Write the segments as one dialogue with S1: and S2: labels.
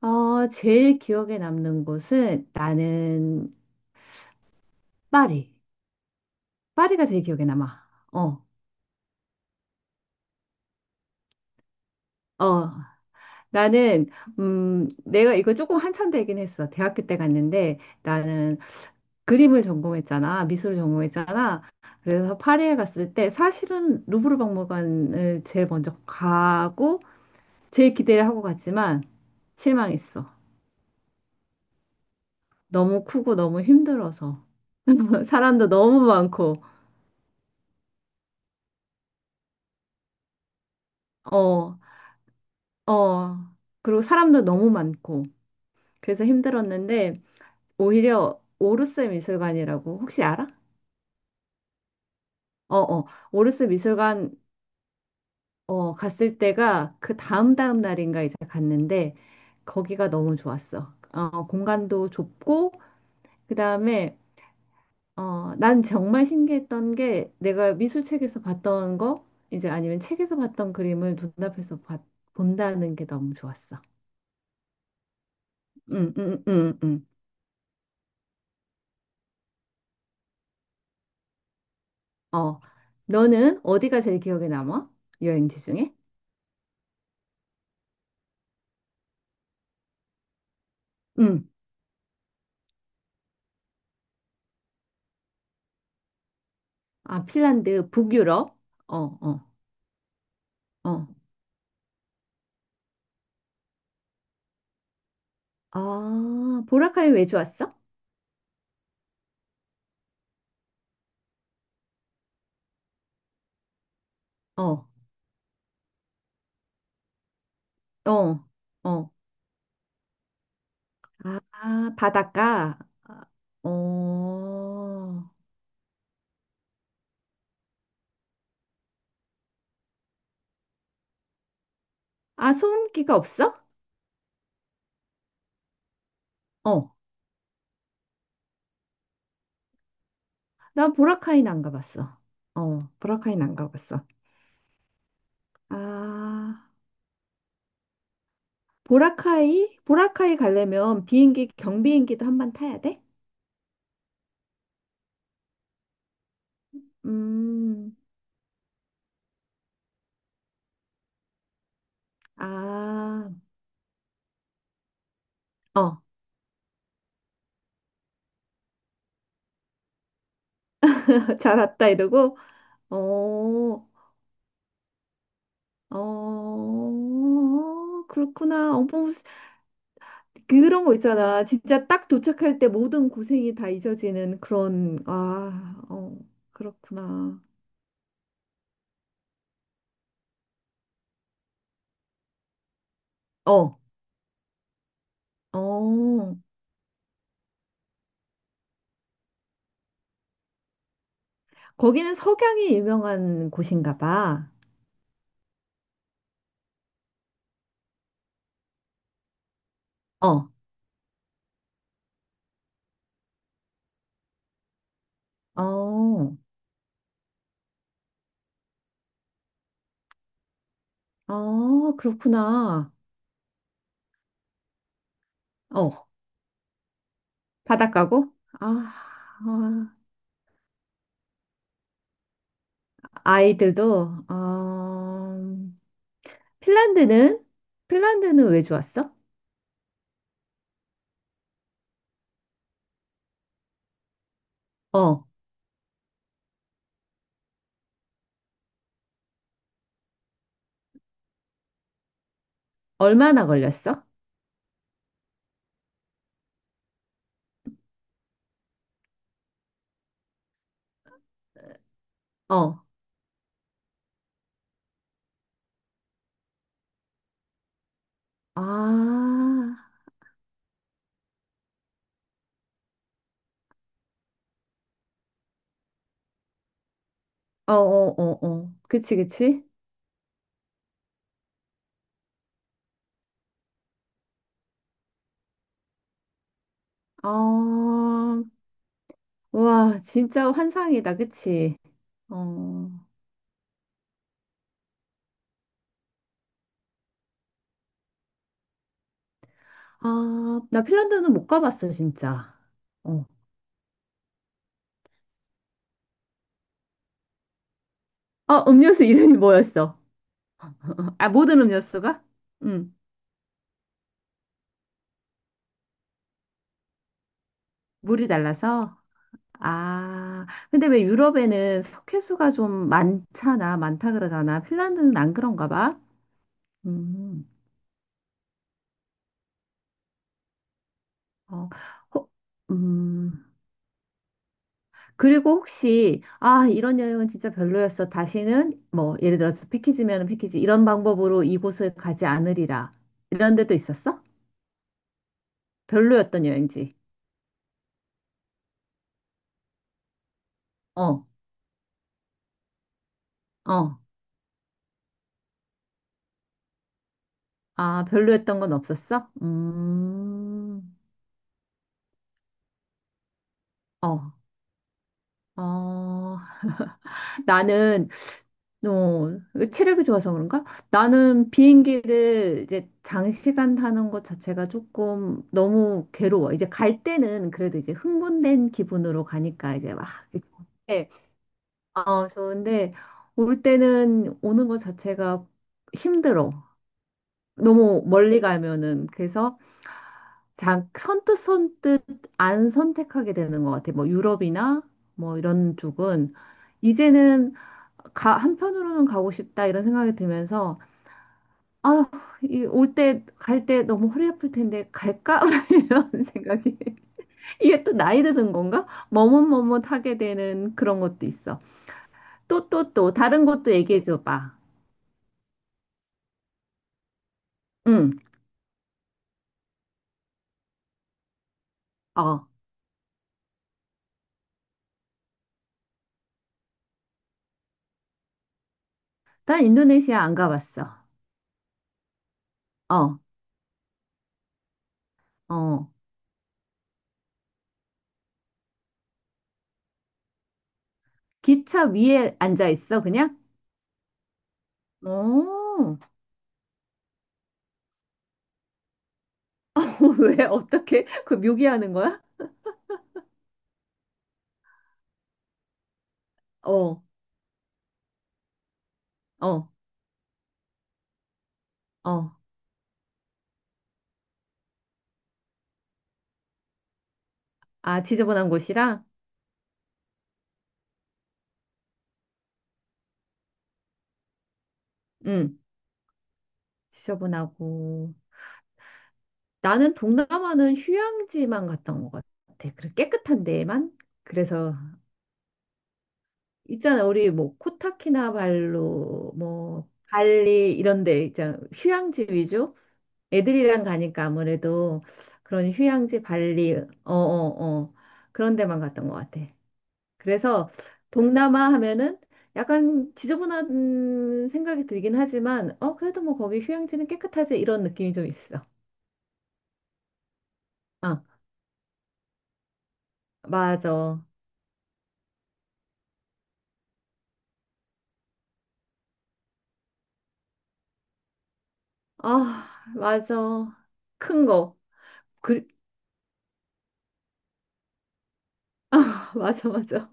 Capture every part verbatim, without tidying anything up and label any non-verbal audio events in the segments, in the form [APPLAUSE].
S1: 어, 제일 기억에 남는 곳은 나는 파리. 파리가 제일 기억에 남아. 어, 어. 나는, 음, 내가 이거 조금 한참 되긴 했어. 대학교 때 갔는데 나는 그림을 전공했잖아. 미술을 전공했잖아. 그래서 파리에 갔을 때 사실은 루브르 박물관을 제일 먼저 가고 제일 기대를 하고 갔지만 실망했어. 너무 크고 너무 힘들어서. [LAUGHS] 사람도 너무 많고, 어, 어. 그리고 사람도 너무 많고. 그래서 힘들었는데 오히려 오르스 미술관이라고 혹시 알아? 어어, 오르스 미술관 어 갔을 때가 그 다음 다음 날인가 이제 갔는데 거기가 너무 좋았어. 어, 공간도 좁고 그다음에 어 난 정말 신기했던 게 내가 미술책에서 봤던 거 이제 아니면 책에서 봤던 그림을 눈앞에서 봤, 본다는 게 너무 좋았어. 응 응 응 응. 응. 어, 너는 어디가 제일 기억에 남아? 여행지 중에? 응. 아, 핀란드, 북유럽. 어, 어, 어. 아, 보라카이 왜 좋았어? 어, 어, 어. 아, 바닷가. 아, 어. 아, 소음기가 없어? 어. 난 보라카이는 안 가봤어. 어, 보라카이는 안 가봤어. 아, 보라카이? 보라카이 가려면 비행기, 경비행기도 한번 타야 돼? 음, 아, 어. [LAUGHS] 잘 왔다 이러고. 어. 어, 그렇구나. 어, 뭐, 그런 거 있잖아. 진짜 딱 도착할 때 모든 고생이 다 잊어지는 그런, 아, 어, 그렇구나. 어, 어. 거기는 석양이 유명한 곳인가 봐. 어, 어, 어, 그렇구나. 어, 바닷가고? 아, 아, 아이들도, 어, 핀란드는? 핀란드는 왜 좋았어? 어, 얼마나 걸렸어? 어. 아, 어어어어. 그치, 그치? 아, 와, 진짜 환상이다, 그치? 어, 아, 나 핀란드는 못 가봤어, 진짜. 어. 아, 음료수 [LAUGHS] 이름이 뭐였어? 아, 모든 음료수가? 응, 물이 달라서? 아, 근데 왜 유럽에는 석회수가 좀 많잖아, 많다 그러잖아. 핀란드는 안 그런가 봐? 음, 어, 허, 음. 그리고 혹시, 아, 이런 여행은 진짜 별로였어. 다시는, 뭐, 예를 들어서 패키지면 패키지, 이런 방법으로 이곳을 가지 않으리라. 이런 데도 있었어? 별로였던 여행지. 어, 어. 아, 별로였던 건 없었어? 음, 어, 어. 나는, 어, 체력이 좋아서 그런가? 나는 비행기를 이제 장시간 타는 것 자체가 조금 너무 괴로워. 이제 갈 때는 그래도 이제 흥분된 기분으로 가니까 이제 막. 어, 좋은데 올 때는 오는 것 자체가 힘들어. 너무 멀리 가면은 그래서 자, 선뜻 선뜻 안 선택하게 되는 것 같아. 뭐 유럽이나 뭐 이런 쪽은 이제는 가, 한편으로는 가고 싶다 이런 생각이 들면서 아, 이올 때, 갈 때 너무 허리 아플 텐데 갈까? [LAUGHS] 이런 생각이. 이게 또 나이 드는 건가? 머뭇머뭇하게 되는 그런 것도 있어. 또 또 또 다른 것도 얘기해 줘 봐. 어, 난 인도네시아 안 가봤어. 어, 어. 기차 위에 앉아 있어, 그냥? 어, [LAUGHS] 왜, 어떻게, 그 묘기하는 거야? 어, 어, 어. 아, 지저분한 곳이랑? 응, 지저분하고. 나는 동남아는 휴양지만 갔던 것 같아. 그래, 깨끗한 데만? 그래서, 있잖아, 우리 뭐, 코타키나발루, 뭐, 발리, 이런 데, 있잖아. 휴양지 위주? 애들이랑 가니까 아무래도 그런 휴양지 발리, 어, 어, 어, 그런 데만 갔던 것 같아. 그래서 동남아 하면은 약간 지저분한 생각이 들긴 하지만, 어, 그래도 뭐 거기 휴양지는 깨끗하지 이런 느낌이 좀 있어. 아, 맞아. 아, 맞아. 큰 거. 그, [LAUGHS] 아, 맞아, 맞아.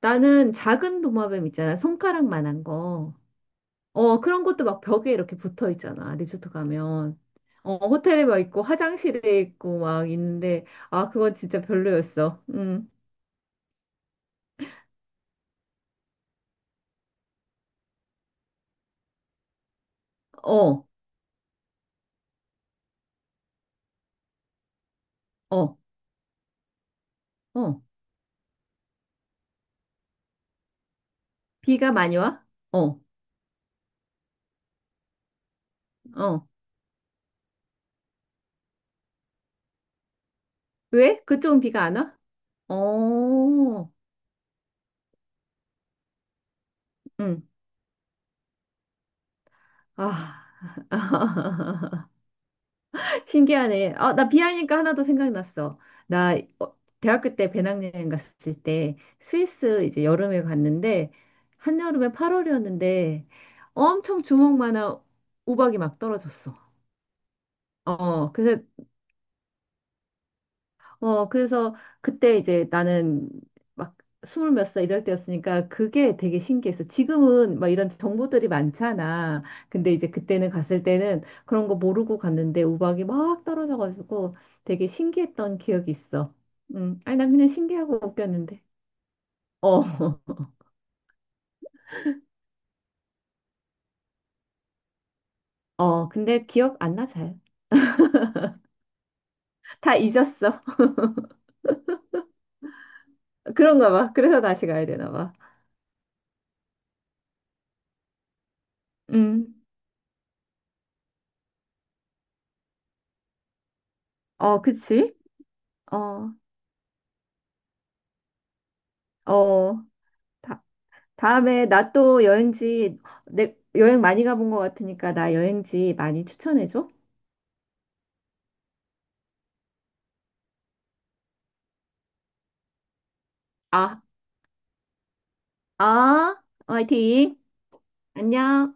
S1: 나는 작은 도마뱀 있잖아. 손가락만한 거. 어, 그런 것도 막 벽에 이렇게 붙어 있잖아. 리조트 가면. 어, 호텔에 막 있고 화장실에 있고 막 있는데 아, 그건 진짜 별로였어. 음. 어. 어. 어. 비가 많이 와? 어. 어. 왜? 그쪽은 비가 안 와? 어. 음. 아. [LAUGHS] 신기하네. 아, 나 비하니까 하나 더 생각났어. 나 어, 대학교 때 배낭여행 갔을 때 스위스 이제 여름에 갔는데 한여름에 팔월이었는데 엄청 주먹만한 우박이 막 떨어졌어. 어, 그래서 어, 그래서 그때 이제 나는 막 스물 몇 살 이럴 때였으니까 그게 되게 신기했어. 지금은 막 이런 정보들이 많잖아. 근데 이제 그때는 갔을 때는 그런 거 모르고 갔는데 우박이 막 떨어져가지고 되게 신기했던 기억이 있어. 음, 아니, 난 그냥 신기하고 웃겼는데. 어, [LAUGHS] 어, 근데 기억 안 나, 잘. 다 잊었어. [LAUGHS] 그런가 봐. 그래서 다시 가야 되나 봐. 음, 어, 그치? 어, 어. 다 다음에 나 또 여행지, 내, 여행 많이 가본 것 같으니까 나 여행지 많이 추천해줘. 아, 아, 화이팅. 안녕.